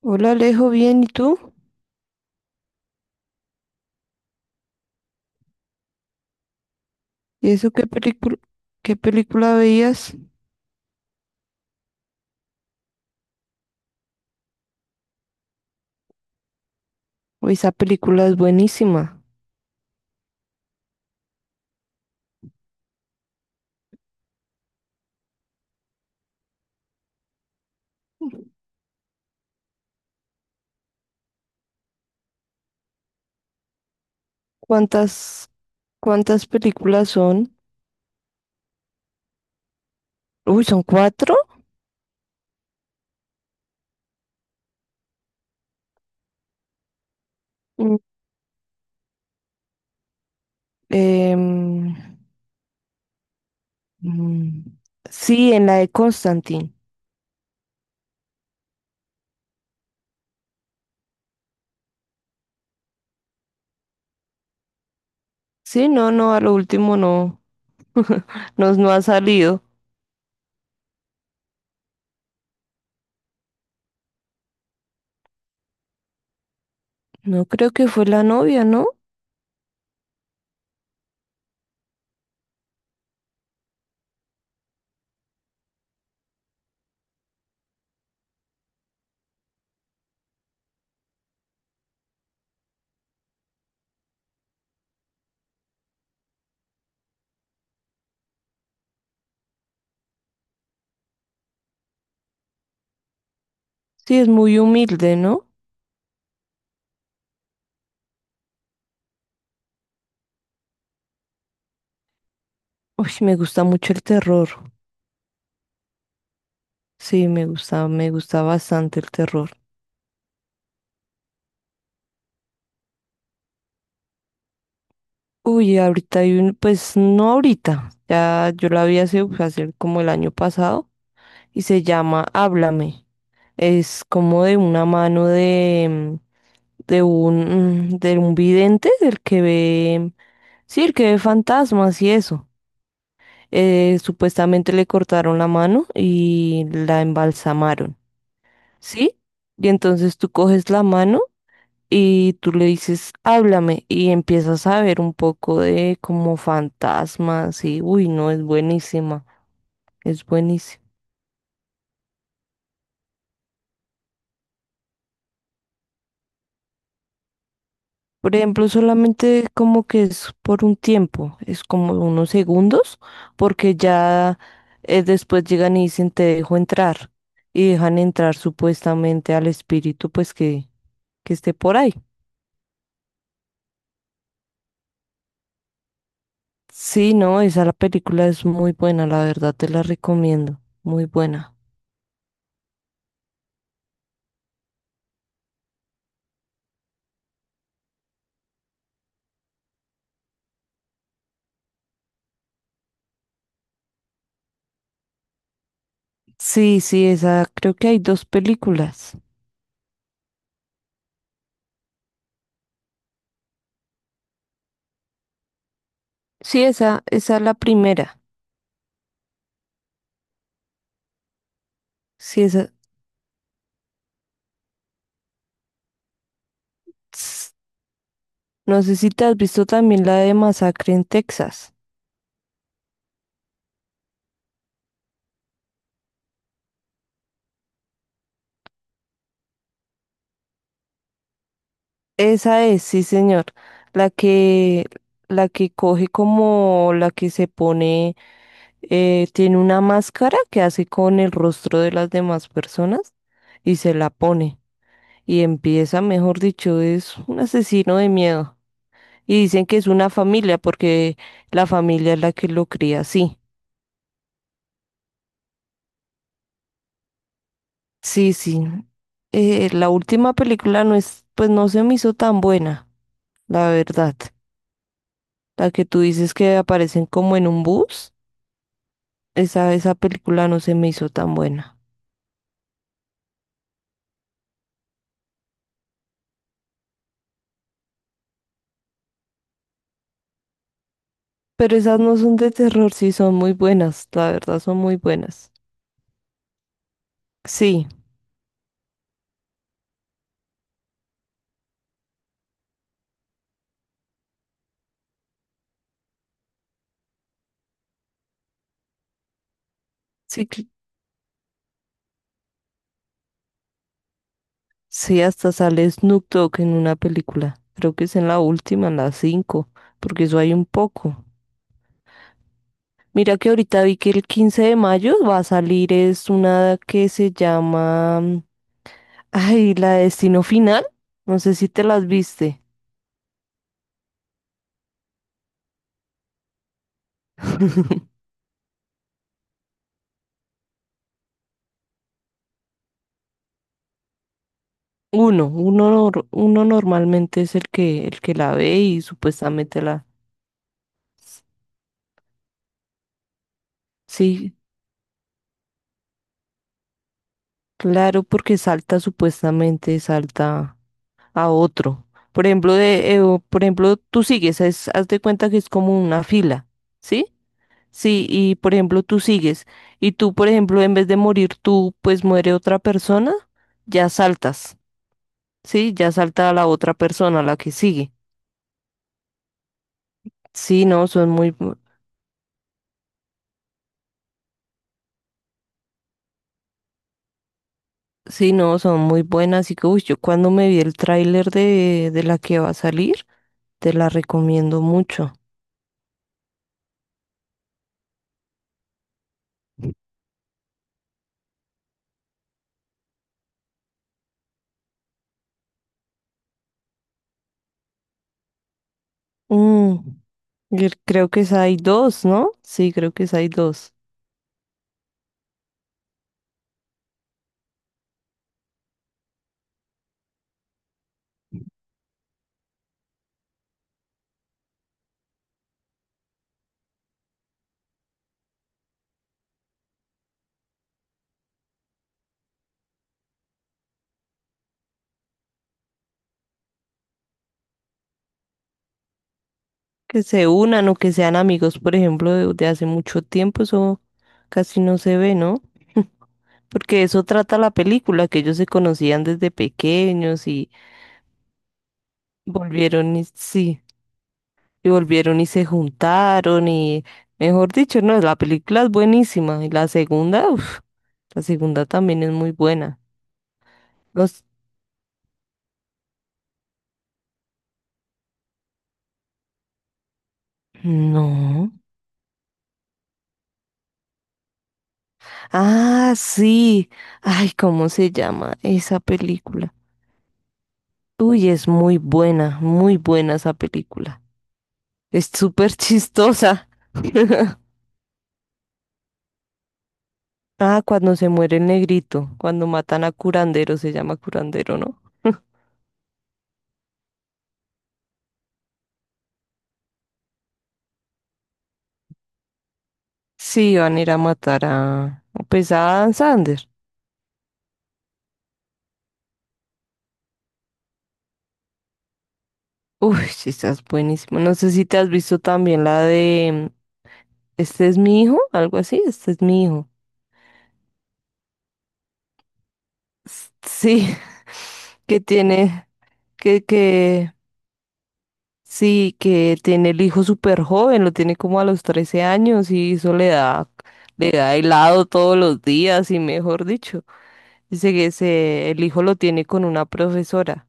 Hola Alejo, bien, ¿y tú? ¿Y eso qué película veías? Uy, esa película es buenísima. ¿Cuántas, cuántas películas son? Uy, ¿son cuatro? Mm. Em, mm, sí, en la de Constantine. Sí, no, no, a lo último no, no, no ha salido. No creo que fue la novia, ¿no? Sí, es muy humilde, ¿no? Uy, me gusta mucho el terror. Sí, me gusta bastante el terror. Uy, ahorita hay un, pues no ahorita, ya yo la vi hace como el año pasado y se llama Háblame. Es como de una mano de un vidente, del que ve, sí, el que ve fantasmas y eso. Supuestamente le cortaron la mano y la embalsamaron, ¿sí? Y entonces tú coges la mano y tú le dices, háblame, y empiezas a ver un poco de como fantasmas y, uy, no, es buenísima, es buenísima. Por ejemplo, solamente como que es por un tiempo, es como unos segundos, porque ya después llegan y dicen, te dejo entrar, y dejan entrar supuestamente al espíritu, pues que esté por ahí. Sí, no, esa la película es muy buena, la verdad te la recomiendo, muy buena. Sí, sí, esa, creo que hay dos películas. Sí, esa es la primera. Sí, esa. ts- No sé si te has visto también la de Masacre en Texas. Esa es, sí, señor. La que, la que coge como la que se pone, tiene una máscara que hace con el rostro de las demás personas y se la pone. Y empieza, mejor dicho, es un asesino de miedo. Y dicen que es una familia porque la familia es la que lo cría así. Sí, sí. La última película no es, pues no se me hizo tan buena, la verdad. La que tú dices que aparecen como en un bus, esa película no se me hizo tan buena. Pero esas no son de terror, sí son muy buenas, la verdad son muy buenas. Sí, sí, sí, hasta sale Snoop Dogg en una película. Creo que es en la última, en la 5, porque eso hay un poco. Mira que ahorita vi que el 15 de mayo va a salir es una que se llama, ay, la de Destino Final, no sé si te las viste. Uno, uno, nor- uno normalmente es el que la ve y supuestamente la... Sí, claro, porque salta supuestamente, salta a otro. Por ejemplo, tú sigues, haz de cuenta que es como una fila, ¿sí? Sí, y por ejemplo, tú sigues, y tú, por ejemplo, en vez de morir tú, pues muere otra persona, ya saltas, ¿sí? Ya salta a la otra persona, a la que sigue. Sí, no, son muy, bu- sí, no, son muy buenas. Y que, uy, yo cuando me vi el tráiler de la que va a salir, te la recomiendo mucho. Mm, y creo que esa hay dos, ¿no? Sí, creo que esa hay dos. Que se unan o que sean amigos, por ejemplo, de hace mucho tiempo, eso casi no se ve, ¿no? Porque eso trata la película, que ellos se conocían desde pequeños y volvieron, y, sí. Y volvieron y se juntaron y, mejor dicho, no, la película es buenísima. Y la segunda también es muy buena. Los... No. Ah, sí. Ay, ¿cómo se llama esa película? Uy, es muy buena esa película. Es súper chistosa. Ah, cuando se muere el negrito, cuando matan a Curandero, se llama Curandero, ¿no? Sí, van a ir a matar pues a Dan Sander. Uy, sí, estás buenísimo. No sé si te has visto también la de Este es mi hijo, algo así, este es mi hijo. Sí, que tiene, que, que, sí, que tiene el hijo súper joven, lo tiene como a los 13 años y eso le da helado todos los días y mejor dicho. Dice que ese, el hijo lo tiene con una profesora.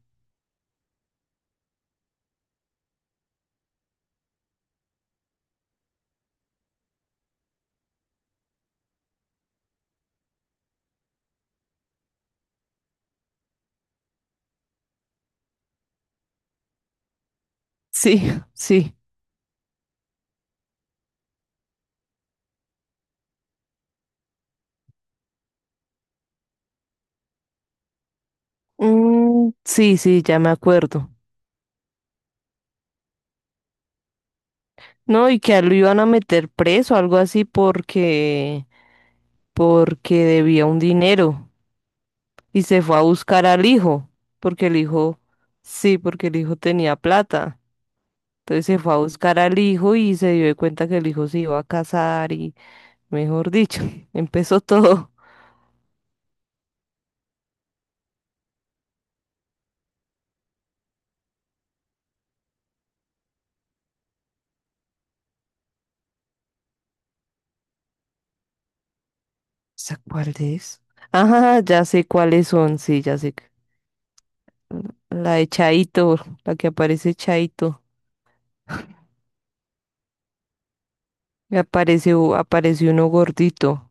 Sí, sí. Mm, sí, sí, ya me acuerdo. No, y que a él lo iban a meter preso, algo así, porque debía un dinero. Y se fue a buscar al hijo, porque el hijo, sí, porque el hijo tenía plata. Entonces se fue a buscar al hijo y se dio de cuenta que el hijo se iba a casar y, mejor dicho, empezó todo. ¿Esa cuál es? Ajá, ya sé cuáles son, sí, ya sé. La de Chaito, la que aparece Chaito. Y aparece uno gordito.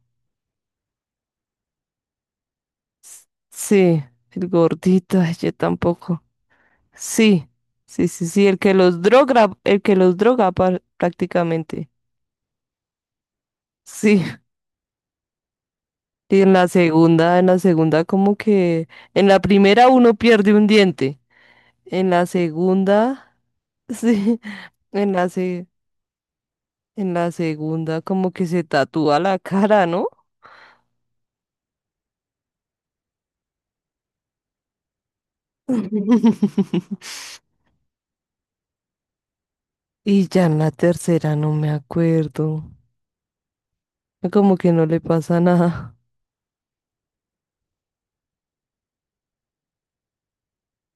Sí, el gordito, ay, yo tampoco. Sí, sí, sí, sí, el que los droga prácticamente. Sí, y en la segunda, como que, en la primera uno pierde un diente, en la segunda, sí, en la se- en la segunda como que se tatúa la cara, ¿no? Y ya en la tercera no me acuerdo, como que no le pasa nada.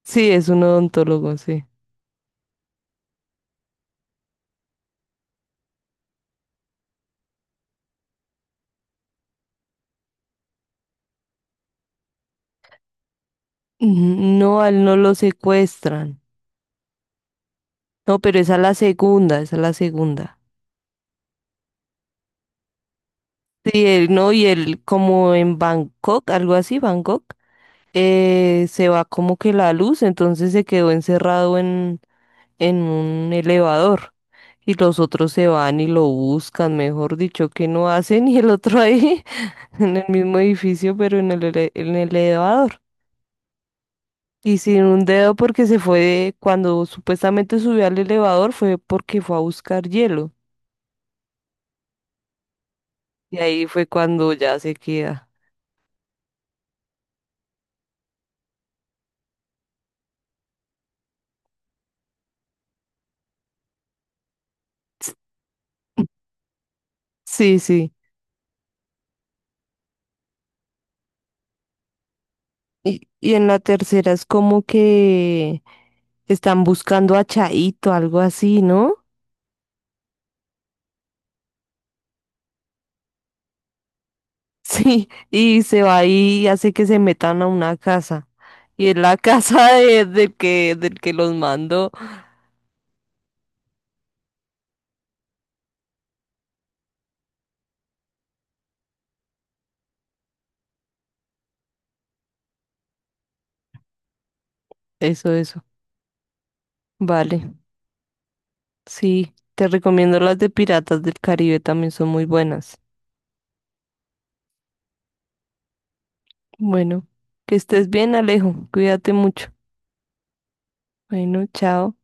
Sí, es un odontólogo, sí. No, a él no lo secuestran. No, pero esa es la segunda, esa es la segunda. Sí, él no, y él como en Bangkok, algo así, Bangkok, se va como que la luz, entonces se quedó encerrado en un elevador. Y los otros se van y lo buscan, mejor dicho, que no hacen, y el otro ahí en el mismo edificio, pero en el elevador. Y sin un dedo porque se fue, cuando supuestamente subió al elevador fue porque fue a buscar hielo. Y ahí fue cuando ya se queda. Sí, sí. Y en la tercera es como que están buscando a Chaito, algo así, ¿no? Sí, y se va ahí y hace que se metan a una casa. Y es la casa del que los mandó. Eso, eso. Vale. Sí, te recomiendo las de Piratas del Caribe, también son muy buenas. Bueno, que estés bien, Alejo. Cuídate mucho. Bueno, chao.